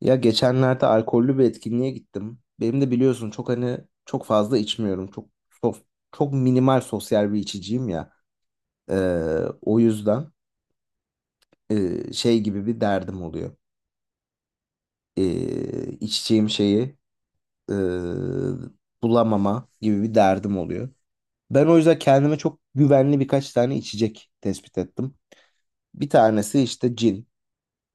Ya geçenlerde alkollü bir etkinliğe gittim. Benim de biliyorsun çok hani çok fazla içmiyorum. Çok çok, çok minimal sosyal bir içiciyim ya. Ee, O yüzden şey gibi bir derdim oluyor. İçeceğim şeyi e, bulamama gibi bir derdim oluyor. Ben o yüzden kendime çok güvenli birkaç tane içecek tespit ettim. Bir tanesi işte cin.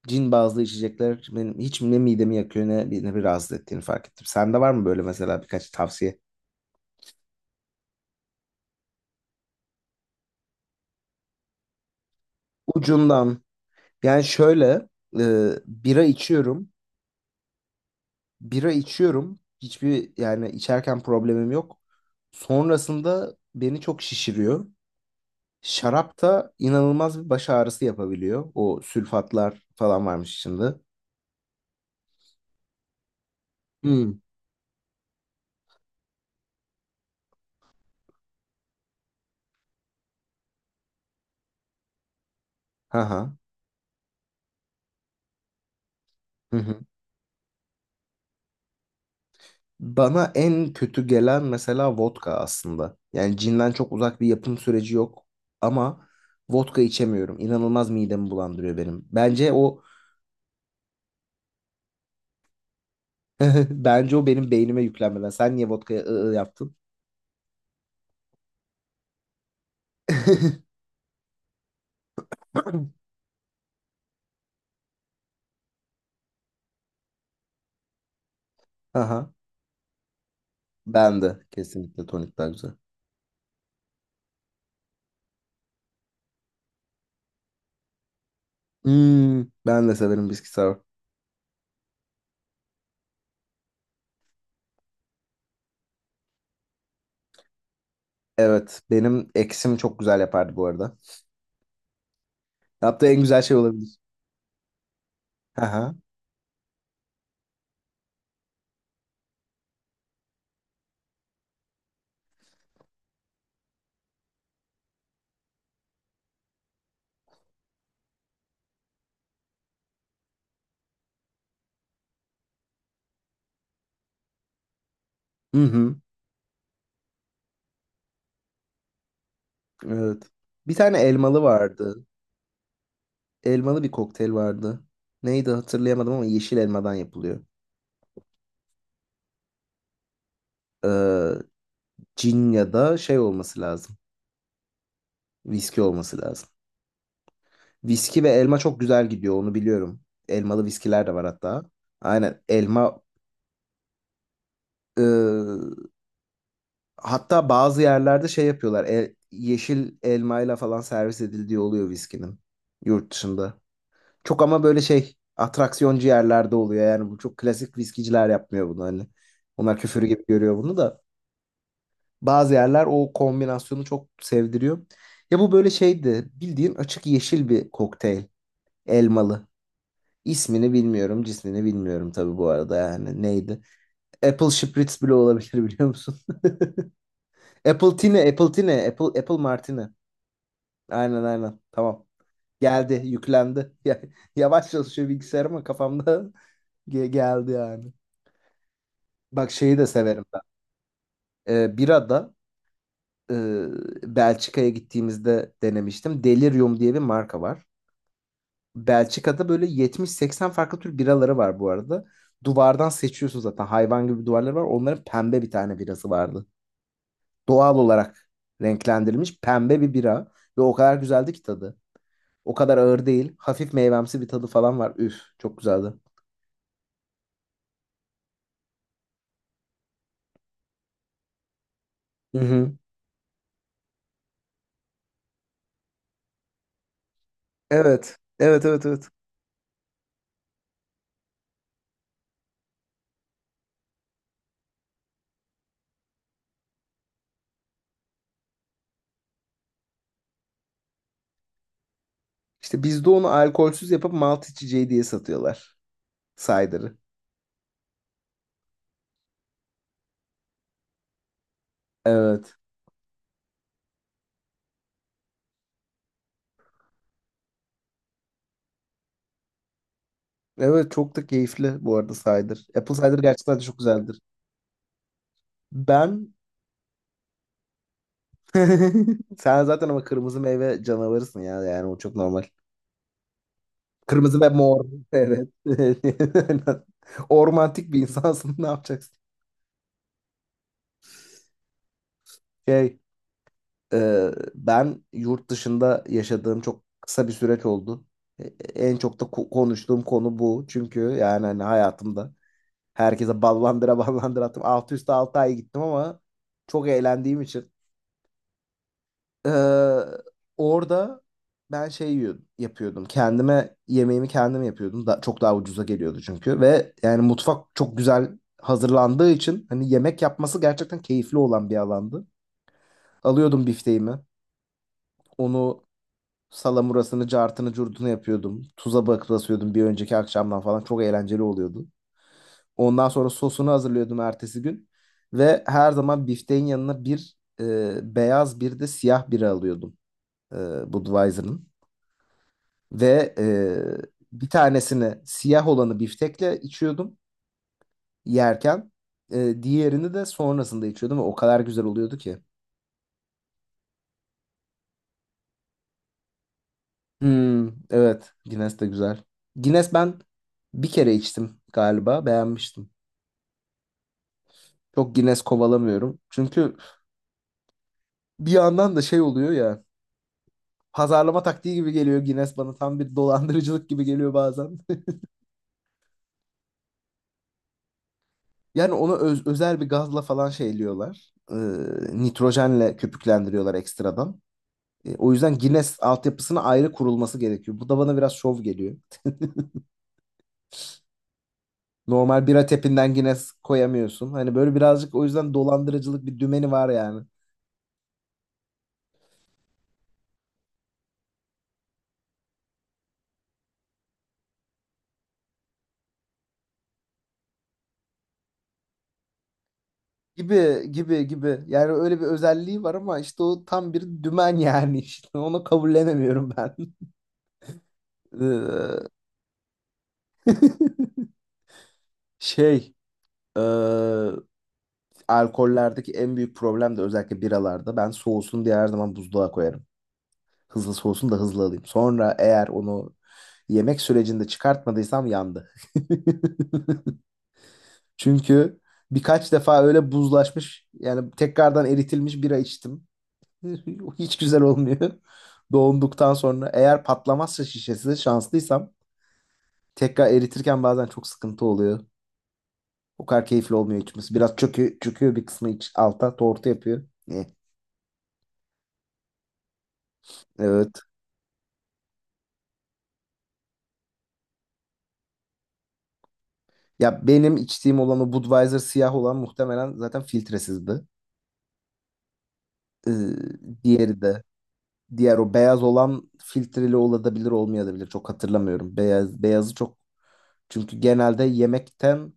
Cin bazlı içecekler benim hiç ne midemi yakıyor ne bir rahatsız ettiğini fark ettim. Sende var mı böyle mesela birkaç tavsiye? Ucundan. Yani şöyle bira içiyorum. Bira içiyorum. Hiçbir yani içerken problemim yok. Sonrasında beni çok şişiriyor. Şarap da inanılmaz bir baş ağrısı yapabiliyor. O sülfatlar falan varmış içinde. Hmm. Haha. Hı hı. Bana en kötü gelen mesela vodka aslında. Yani cinden çok uzak bir yapım süreci yok ama vodka içemiyorum. İnanılmaz midemi bulandırıyor benim. Bence o Bence o benim beynime yüklenmeden. Sen niye vodkaya ı, ı yaptın? Aha. Ben de kesinlikle tonik daha güzel. Hmm, ben de severim bisküvi sour. Evet, benim eksim çok güzel yapardı bu arada. Yaptığı en güzel şey olabilir. Aha. Hı hı. Evet. Bir tane elmalı vardı. Elmalı bir kokteyl vardı. Neydi hatırlayamadım ama yeşil elmadan yapılıyor. Ee, Cin ya da şey olması lazım. Viski olması lazım. Viski ve elma çok güzel gidiyor onu biliyorum. Elmalı viskiler de var hatta. Aynen elma, e, hatta bazı yerlerde şey yapıyorlar. Yeşil elmayla falan servis edildiği oluyor viskinin yurt dışında. Çok ama böyle şey atraksiyoncu yerlerde oluyor. Yani bu çok klasik viskiciler yapmıyor bunu hani. Onlar küfür gibi görüyor bunu da. Bazı yerler o kombinasyonu çok sevdiriyor. Ya bu böyle şeydi. Bildiğin açık yeşil bir kokteyl. Elmalı. İsmini bilmiyorum, cismini bilmiyorum tabii bu arada yani neydi? Apple Spritz bile olabilir biliyor musun? Apple Tine, Apple Tine, Apple, Apple Martini. Aynen aynen tamam. Geldi, yüklendi. Yavaş çalışıyor bilgisayar ama kafamda geldi yani. Bak şeyi de severim ben. Birada e, Belçika'ya gittiğimizde denemiştim. Delirium diye bir marka var. Belçika'da böyle 70-80 farklı tür biraları var bu arada. Duvardan seçiyorsun zaten. Hayvan gibi duvarları var. Onların pembe bir tane birası vardı. Doğal olarak renklendirilmiş pembe bir bira. Ve o kadar güzeldi ki tadı. O kadar ağır değil. Hafif meyvemsi bir tadı falan var. Üf, çok güzeldi. Hı hı. Evet. Evet, evet, evet. İşte bizde onu alkolsüz yapıp malt içeceği diye satıyorlar. Cider'ı. Evet. Evet çok da keyifli bu arada cider. Apple cider gerçekten de çok güzeldir. Ben. Sen zaten ama kırmızı meyve canavarısın ya. Yani o çok normal. Kırmızı ve mor. Evet. Ormantik bir insansın. Ne yapacaksın? Şey, ben yurt dışında yaşadığım çok kısa bir süreç oldu. E, En çok da konuştuğum konu bu. Çünkü yani hani hayatımda herkese ballandıra ballandıra attım. Altı üstü 6 ay gittim ama çok eğlendiğim için. Ee, Orada ben şey yapıyordum. Kendime yemeğimi kendim yapıyordum. Da, çok daha ucuza geliyordu çünkü. Ve yani mutfak çok güzel hazırlandığı için hani yemek yapması gerçekten keyifli olan bir alandı. Alıyordum bifteğimi. Onu salamurasını, cartını, curtunu yapıyordum. Tuza bakıp basıyordum bir önceki akşamdan falan. Çok eğlenceli oluyordu. Ondan sonra sosunu hazırlıyordum ertesi gün. Ve her zaman bifteğin yanına bir beyaz bir de siyah biri alıyordum. E, Budweiser'ın. Ve bir tanesini siyah olanı biftekle içiyordum yerken. Diğerini de sonrasında içiyordum ve o kadar güzel oluyordu ki. Hmm, evet Guinness de güzel. Guinness ben bir kere içtim galiba beğenmiştim. Çok Guinness kovalamıyorum. Çünkü bir yandan da şey oluyor ya, pazarlama taktiği gibi geliyor Guinness bana, tam bir dolandırıcılık gibi geliyor bazen. Yani onu özel bir gazla falan şeyliyorlar. Nitrojenle köpüklendiriyorlar ekstradan. O yüzden Guinness altyapısına ayrı kurulması gerekiyor. Bu da bana biraz şov geliyor. Normal bira tepinden Guinness koyamıyorsun. Hani böyle birazcık o yüzden dolandırıcılık bir dümeni var yani. Gibi gibi gibi. Yani öyle bir özelliği var ama işte o tam bir dümen yani işte. Onu kabullenemiyorum ben. Ee, Şey, e, alkollerdeki en büyük problem de özellikle biralarda. Ben soğusun diye her zaman buzluğa koyarım. Hızlı soğusun da hızlı alayım. Sonra eğer onu yemek sürecinde çıkartmadıysam yandı. Çünkü birkaç defa öyle buzlaşmış yani tekrardan eritilmiş bira içtim. Hiç güzel olmuyor. Doğunduktan sonra eğer patlamazsa şişesi şanslıysam tekrar eritirken bazen çok sıkıntı oluyor. O kadar keyifli olmuyor içmesi. Biraz çöküyor, çöküyor bir kısmı iç, alta tortu yapıyor. Eh, evet. Ya benim içtiğim olan o Budweiser siyah olan muhtemelen zaten filtresizdi. Ee, Diğeri de. Diğer o beyaz olan filtreli olabilir olmayabilir. Çok hatırlamıyorum. Beyazı çok. Çünkü genelde yemekten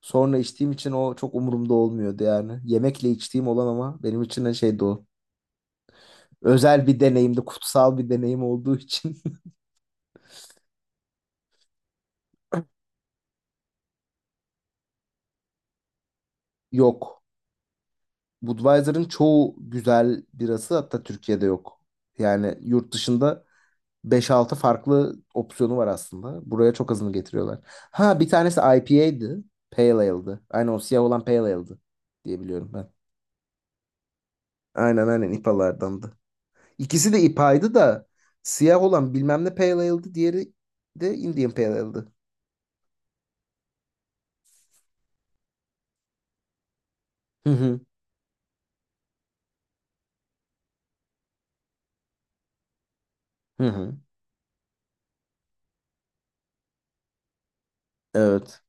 sonra içtiğim için o çok umurumda olmuyordu yani. Yemekle içtiğim olan ama benim için de şeydi o. Özel bir deneyimdi, kutsal bir deneyim olduğu için. Yok. Budweiser'ın çoğu güzel birası hatta Türkiye'de yok. Yani yurt dışında beş altı farklı opsiyonu var aslında. Buraya çok azını getiriyorlar. Ha bir tanesi IPA'ydı. Pale Ale'dı. Aynen o siyah olan Pale Ale'dı diye biliyorum ben. Aynen aynen IPA'lardandı. İkisi de IPA'ydı da siyah olan bilmem ne Pale Ale'dı. Diğeri de Indian Pale Ale'dı. Hı hı. Hı hı. Evet.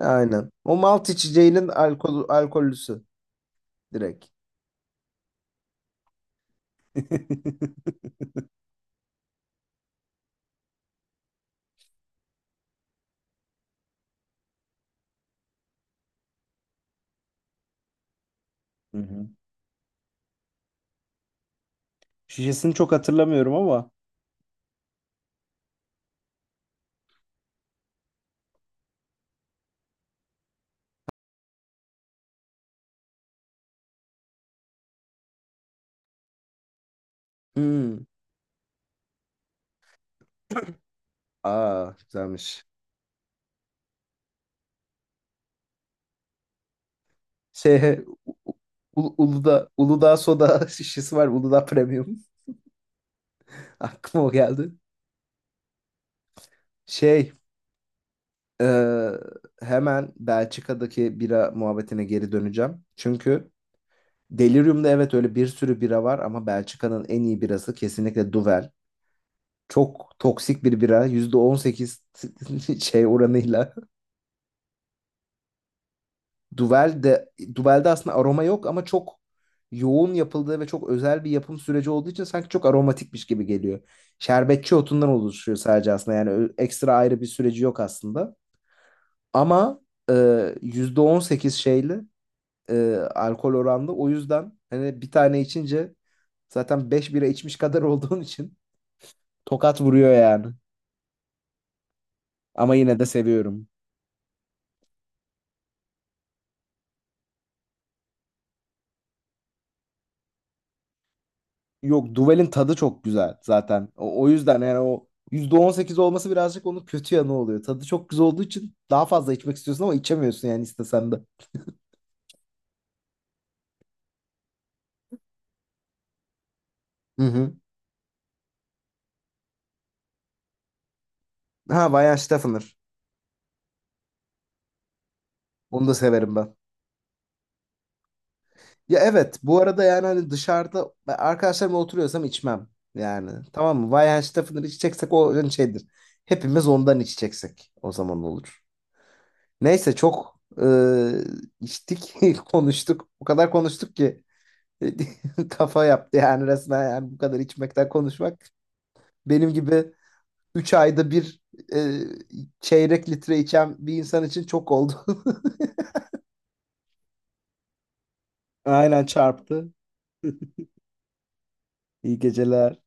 Aynen. O malt içeceğinin alkollüsü direkt. Hı hı. Şişesini çok hatırlamıyorum ama. Hmm. Aa güzelmiş. Şey, Uludağ soda şişesi var. Uludağ Premium. Aklıma o geldi. Şey, e, hemen Belçika'daki bira muhabbetine geri döneceğim. Çünkü Delirium'da evet öyle bir sürü bira var ama Belçika'nın en iyi birası kesinlikle Duvel. Çok toksik bir bira. %18 şey oranıyla. Duvel de Duvel'de aslında aroma yok ama çok yoğun yapıldığı ve çok özel bir yapım süreci olduğu için sanki çok aromatikmiş gibi geliyor. Şerbetçi otundan oluşuyor sadece aslında. Yani ekstra ayrı bir süreci yok aslında. Ama e, %18 şeyli alkol oranlı. O yüzden hani bir tane içince zaten 5 bira içmiş kadar olduğun için tokat vuruyor yani. Ama yine de seviyorum. Yok, Duvel'in tadı çok güzel zaten. O yüzden yani o %18 olması birazcık onun kötü yanı oluyor. Tadı çok güzel olduğu için daha fazla içmek istiyorsun ama içemiyorsun yani istesen de. Hı hı. Ha, Bayan Steffner. Onu da severim ben. Ya evet bu arada, yani hani dışarıda ben arkadaşlarımla oturuyorsam içmem. Yani tamam mı? Bayan Steffner içeceksek o hani şeydir. Hepimiz ondan içeceksek o zaman olur. Neyse çok içtik konuştuk. O kadar konuştuk ki. Kafa yaptı yani resmen, yani bu kadar içmekten konuşmak. Benim gibi 3 ayda bir e, çeyrek litre içen bir insan için çok oldu. Aynen, çarptı. İyi geceler.